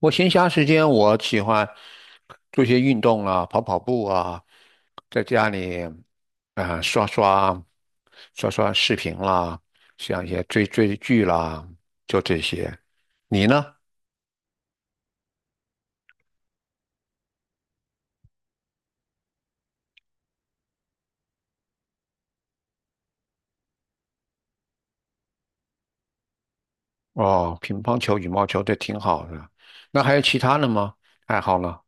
我闲暇时间，我喜欢做一些运动啊，跑跑步啊，在家里啊、刷刷视频啦，像一些追追剧啦，就这些。你呢？哦，乒乓球、羽毛球这挺好的。那还有其他的吗？爱好呢？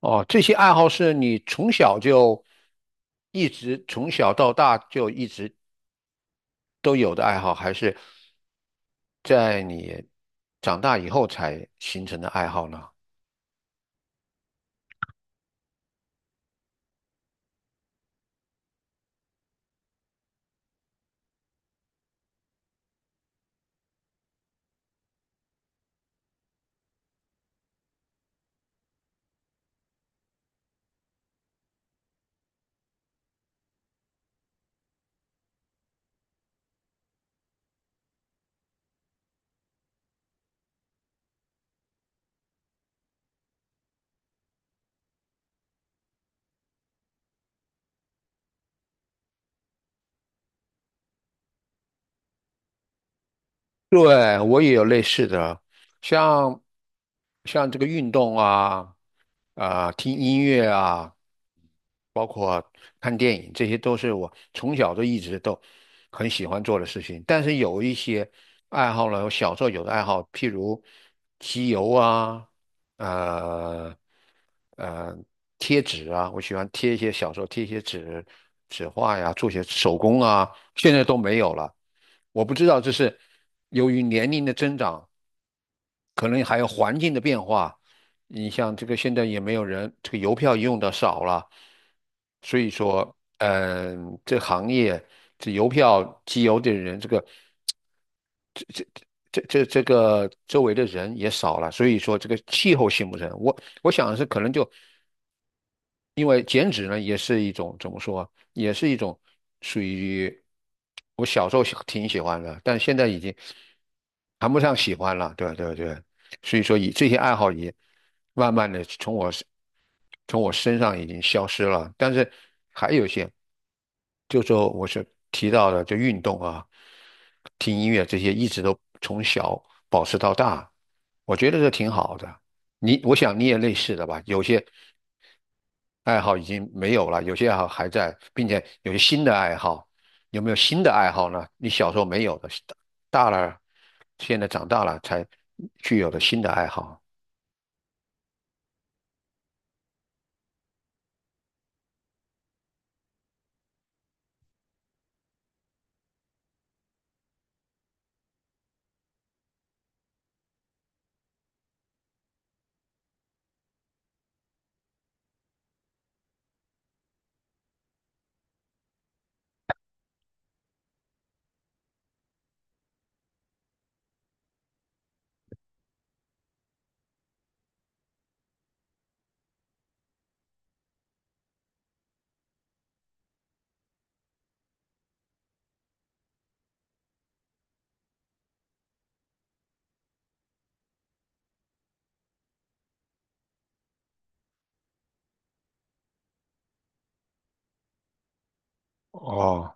哦，这些爱好是你从小就一直从小到大就一直都有的爱好，还是在你长大以后才形成的爱好呢？对，我也有类似的，像像这个运动啊，啊、听音乐啊，包括看电影，这些都是我从小都一直都很喜欢做的事情。但是有一些爱好呢，我小时候有的爱好，譬如集邮啊，呃。呃贴纸啊，我喜欢贴一些小时候贴一些纸画呀，做些手工啊，现在都没有了。我不知道这是由于年龄的增长，可能还有环境的变化。你像这个现在也没有人，这个邮票用的少了，所以说，嗯、这行业这邮票寄邮的人，这个这个周围的人也少了，所以说这个气候性不成。我想是可能就因为减脂呢，也是一种怎么说啊也是一种属于我小时候喜挺喜欢的，但现在已经谈不上喜欢了。对对对，所以说以这些爱好也慢慢的从我身上已经消失了。但是还有一些，就说我是提到的，就运动啊、听音乐这些，一直都从小保持到大，我觉得这挺好的。你，我想你也类似的吧？有些爱好已经没有了，有些爱好还在，并且有些新的爱好。有没有新的爱好呢？你小时候没有的，大了，现在长大了才具有的新的爱好。哦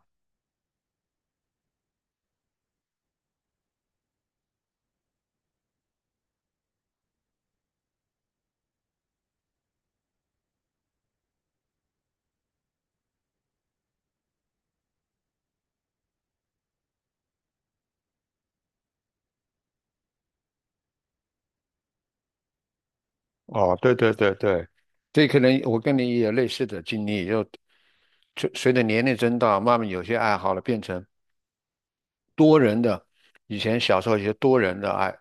哦，对对对对，这可能我跟你也有类似的经历，就随着年龄增大，慢慢有些爱好了变成多人的，以前小时候一些多人的爱，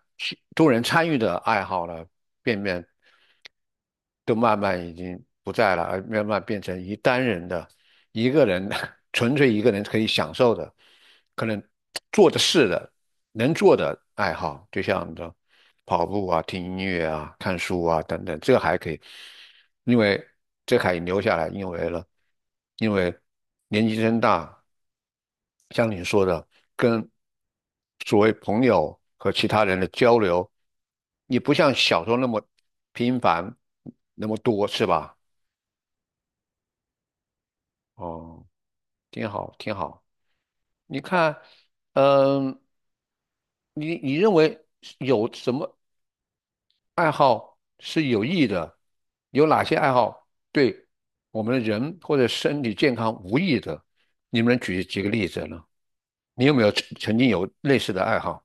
多人参与的爱好了，变变都慢慢已经不在了，而慢慢变成一单人的、一个人的 纯粹一个人可以享受的，可能做的事的、能做的爱好，就像的跑步啊、听音乐啊、看书啊等等，这还可以，因为这还留下来，因为了，因为年纪增大。像你说的，跟所谓朋友和其他人的交流，你不像小时候那么频繁，那么多，是吧？哦，挺好，挺好。你看，嗯，你认为有什么爱好是有益的？有哪些爱好对我们的人或者身体健康无益的？你们能举几个例子呢？你有没有曾经有类似的爱好？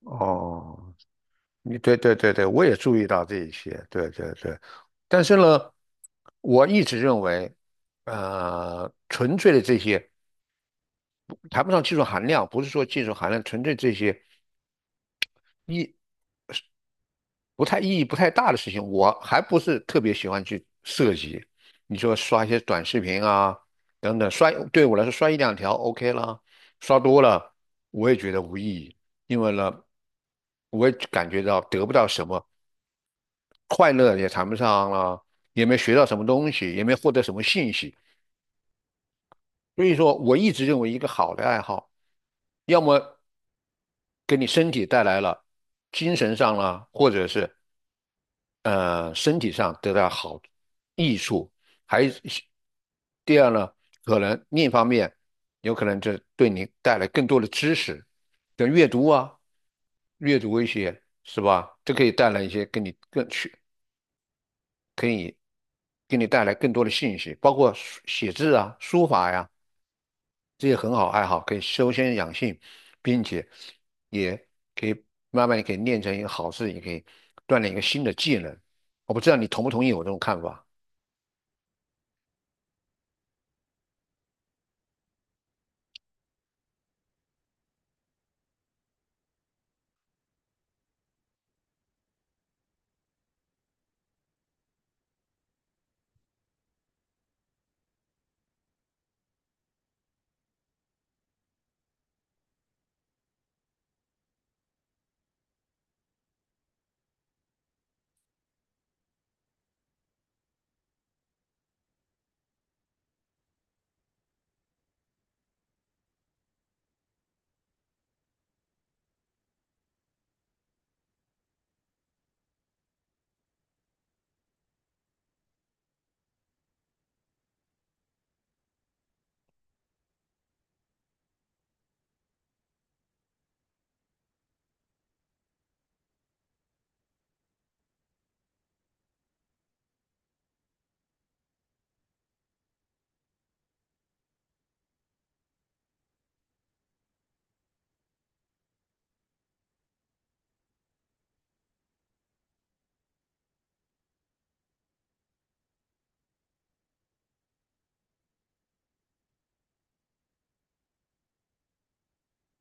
哦，你对对对对，我也注意到这一些，对对对。但是呢，我一直认为，纯粹的这些谈不上技术含量，不是说技术含量，纯粹这些意意义不太大的事情，我还不是特别喜欢去涉及。你说刷一些短视频啊，等等，刷对我来说刷一两条 OK 了，刷多了我也觉得无意义，因为呢，我也感觉到得不到什么。快乐也谈不上了，也没学到什么东西，也没获得什么信息。所以说，我一直认为一个好的爱好，要么给你身体带来了精神上啦，或者是身体上得到好益处，还第二呢，可能另一方面有可能这对你带来更多的知识，像阅读啊，阅读一些是吧？这可以带来一些跟你更学可以给你带来更多的信息，包括书写字啊、书法呀、这些很好爱好，可以修身养性，并且也可以慢慢地可以练成一个好字，也可以锻炼一个新的技能。我不知道你同不同意我这种看法。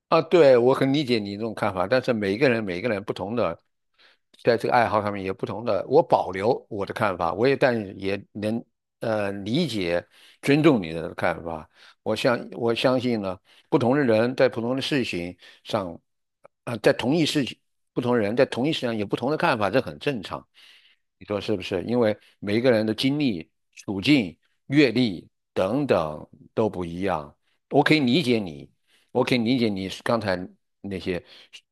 啊，对，我很理解你这种看法，但是每一个人不同的，在这个爱好上面也不同的，我保留我的看法，我也但也能理解尊重你的看法。我相信呢，不同的人在不同的事情上，啊、在同一事情，不同人在同一事情上有不同的看法，这很正常。你说是不是？因为每一个人的经历、处境、阅历等等都不一样，我可以理解你。我可以理解你刚才那些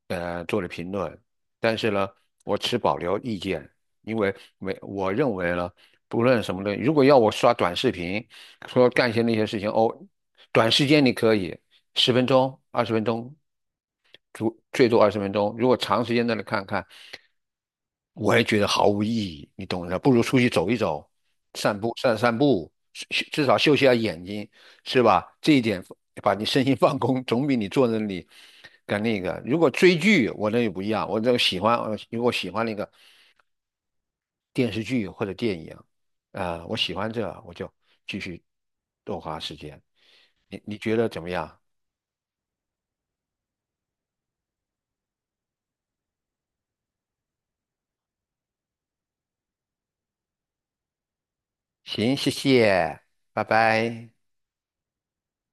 做的评论，但是呢，我持保留意见，因为没我认为呢，不论什么东西，如果要我刷短视频，说干些那些事情，哦，短时间你可以，十分钟、二十分钟最最多二十分钟。如果长时间在那看看，我也觉得毫无意义，你懂的。不如出去走一走，散步散散步，至少休息下眼睛，是吧？这一点把你身心放空，总比你坐那里干那个。如果追剧，我那就不一样，我这个喜欢，如果喜欢那个电视剧或者电影，啊、我喜欢这，我就继续多花时间。你觉得怎么样？行，谢谢，拜拜。